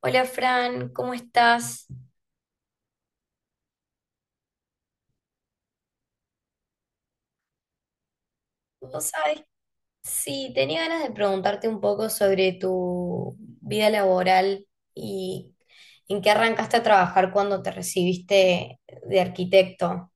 Hola Fran, ¿cómo estás? Vos sabés, sí, tenía ganas de preguntarte un poco sobre tu vida laboral y en qué arrancaste a trabajar cuando te recibiste de arquitecto.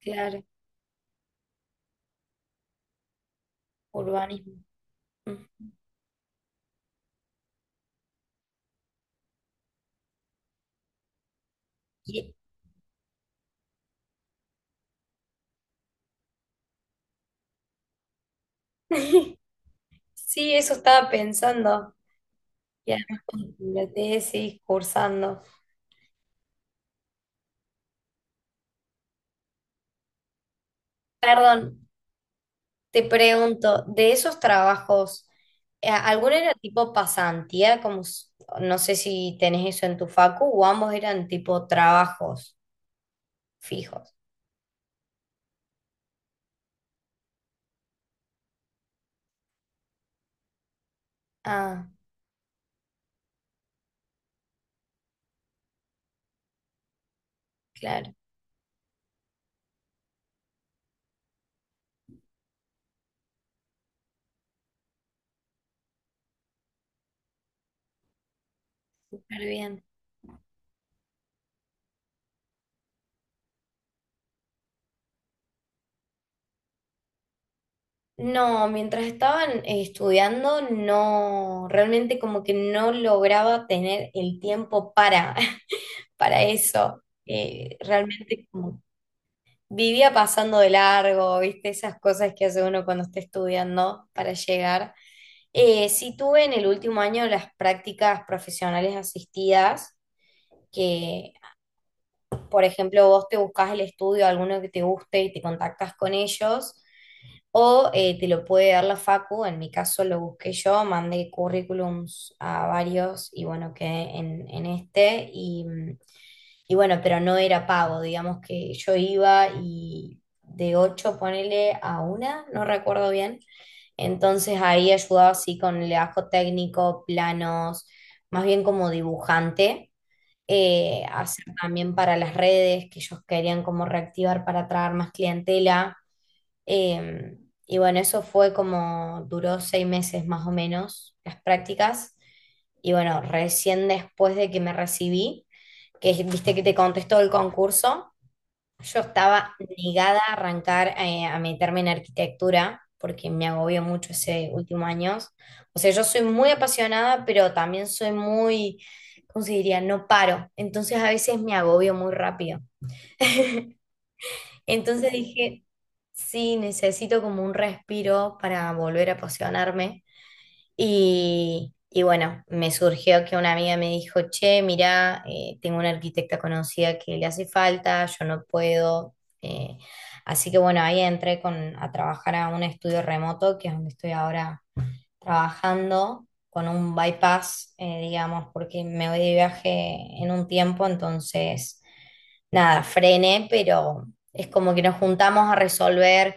Claro, urbanismo. Mm. Y- Sí, eso estaba pensando. Y además con la tesis, cursando. Perdón, te pregunto, de esos trabajos, ¿alguno era tipo pasantía? No sé si tenés eso en tu facu, o ambos eran tipo trabajos fijos. Ah, claro, súper bien. No, mientras estaban estudiando, no, realmente como que no lograba tener el tiempo para, para eso. Realmente como vivía pasando de largo, viste, esas cosas que hace uno cuando está estudiando para llegar. Sí tuve en el último año las prácticas profesionales asistidas, que por ejemplo vos te buscas el estudio, alguno que te guste y te contactas con ellos, o te lo puede dar la facu. En mi caso lo busqué yo, mandé currículums a varios y bueno, quedé en este y y bueno, pero no era pago. Digamos que yo iba y de 8 ponele a una, no recuerdo bien. Entonces ahí ayudaba así con el ajo técnico, planos, más bien como dibujante. Hacer también para las redes que ellos querían como reactivar para atraer más clientela. Eh, y bueno, eso fue como, duró 6 meses más o menos las prácticas. Y bueno, recién después de que me recibí, que viste que te contestó el concurso, yo estaba negada a arrancar a meterme en arquitectura porque me agobió mucho ese último año. O sea, yo soy muy apasionada, pero también soy muy, ¿cómo se diría? No paro. Entonces a veces me agobio muy rápido. Entonces dije, sí, necesito como un respiro para volver a apasionarme. Y bueno, me surgió que una amiga me dijo, che, mirá, tengo una arquitecta conocida que le hace falta, yo no puedo. eh, Así que bueno, ahí entré con, a trabajar a un estudio remoto, que es donde estoy ahora trabajando, con un bypass, digamos, porque me voy de viaje en un tiempo, entonces nada, frené, pero es como que nos juntamos a resolver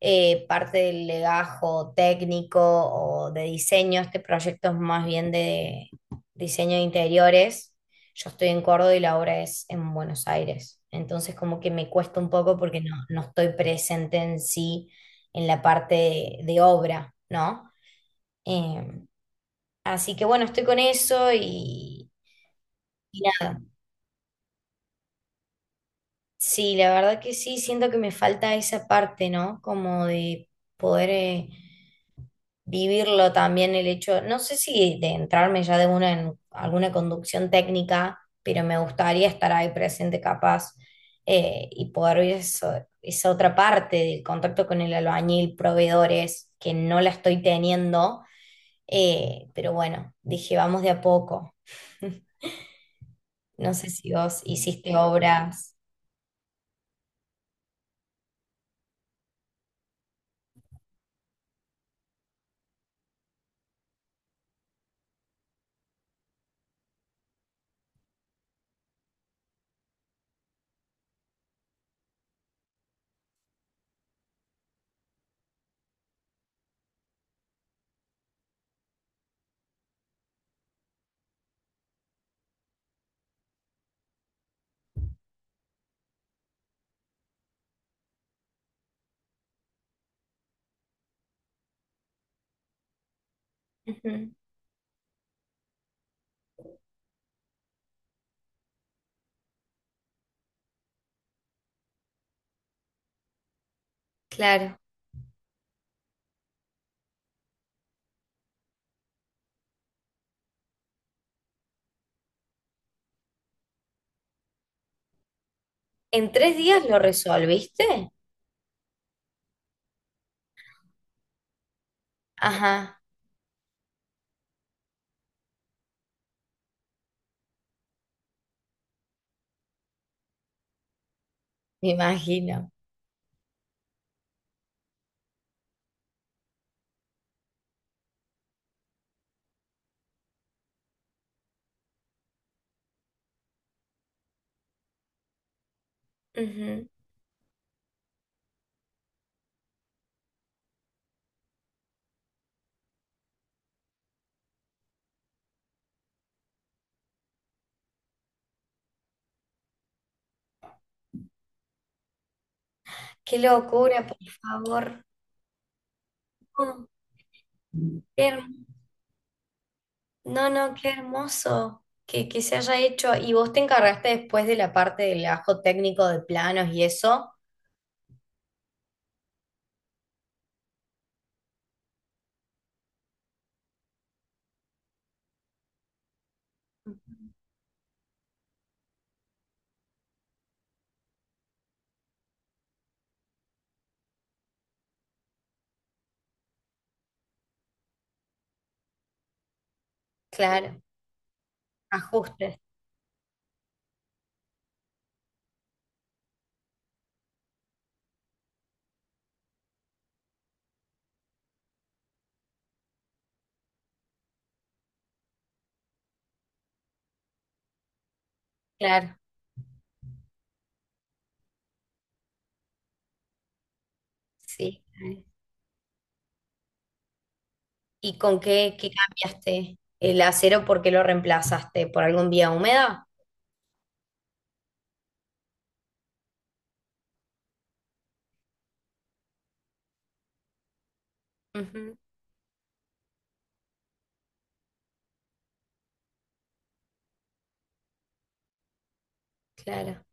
parte del legajo técnico o de diseño. Este proyecto es más bien de diseño de interiores. Yo estoy en Córdoba y la obra es en Buenos Aires. Entonces como que me cuesta un poco porque no estoy presente en sí en la parte de obra, ¿no? Eh, Así que bueno, estoy con eso y nada. Sí, la verdad que sí, siento que me falta esa parte, ¿no? Como de poder vivirlo también el hecho, no sé si de entrarme ya de una en alguna conducción técnica, pero me gustaría estar ahí presente capaz, y poder ver eso, esa otra parte del contacto con el albañil, proveedores, que no la estoy teniendo. Pero bueno, dije, vamos de a poco. No sé si vos hiciste obras. Ujú. Claro. ¿En 3 días lo resolviste? Ajá, me imagino. Ujú. Qué locura, por favor. No, qué herm- no, no, qué hermoso que se haya hecho. ¿Y vos te encargaste después de la parte del ajo técnico de planos y eso? Ujú. Claro, ajustes, claro, sí. ¿Y con qué, qué cambiaste el acero? ¿Por qué lo reemplazaste? ¿Por algún vía húmeda? Ujú. Claro.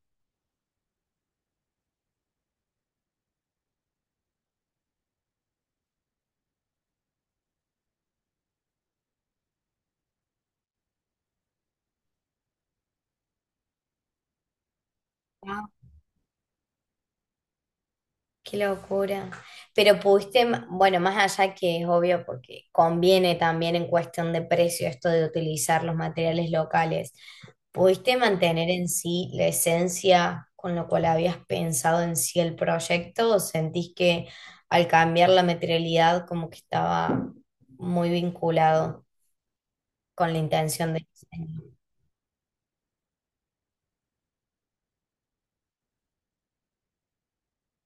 Qué locura. Bueno, más allá que es obvio porque conviene también en cuestión de precio esto de utilizar los materiales locales, ¿pudiste mantener en sí la esencia con lo cual habías pensado en sí el proyecto o sentís que al cambiar la materialidad como que estaba muy vinculado con la intención de diseño?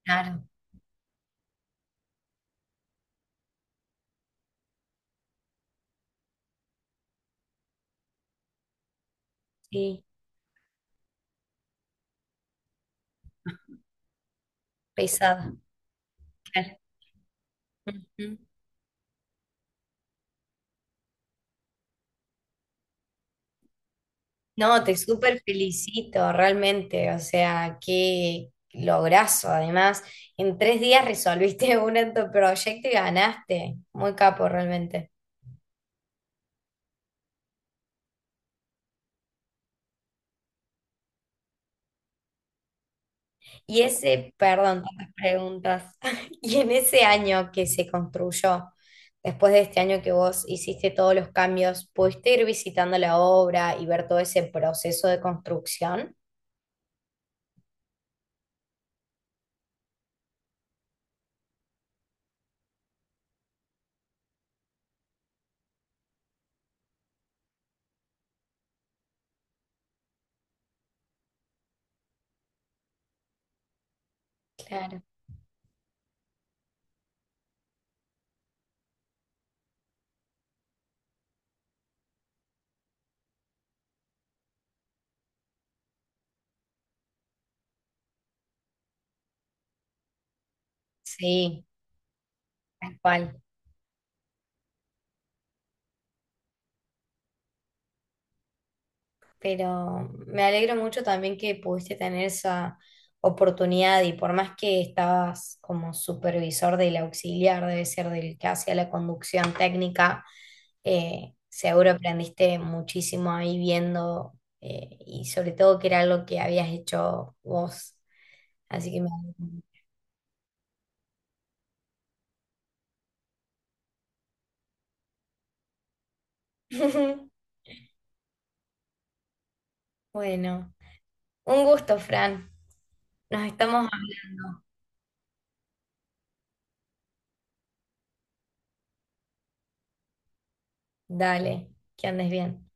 Claro, sí, pesada, claro. Ujú. No, te súper felicito, realmente. O sea, qué lograzo. Además, en 3 días resolviste un en tu proyecto y ganaste. Muy capo, realmente. Y ese, perdón, tantas preguntas. Y en ese año que se construyó, después de este año que vos hiciste todos los cambios, ¿pudiste ir visitando la obra y ver todo ese proceso de construcción? Claro. Sí, tal cual. Pero me alegro mucho también que pudiste tener esa oportunidad y por más que estabas como supervisor del auxiliar, debe ser del que hacía la conducción técnica, seguro aprendiste muchísimo ahí viendo, y sobre todo que era algo que habías hecho vos, así que me alegro. Bueno, un gusto, Fran. Nos estamos hablando. Dale, que andes bien.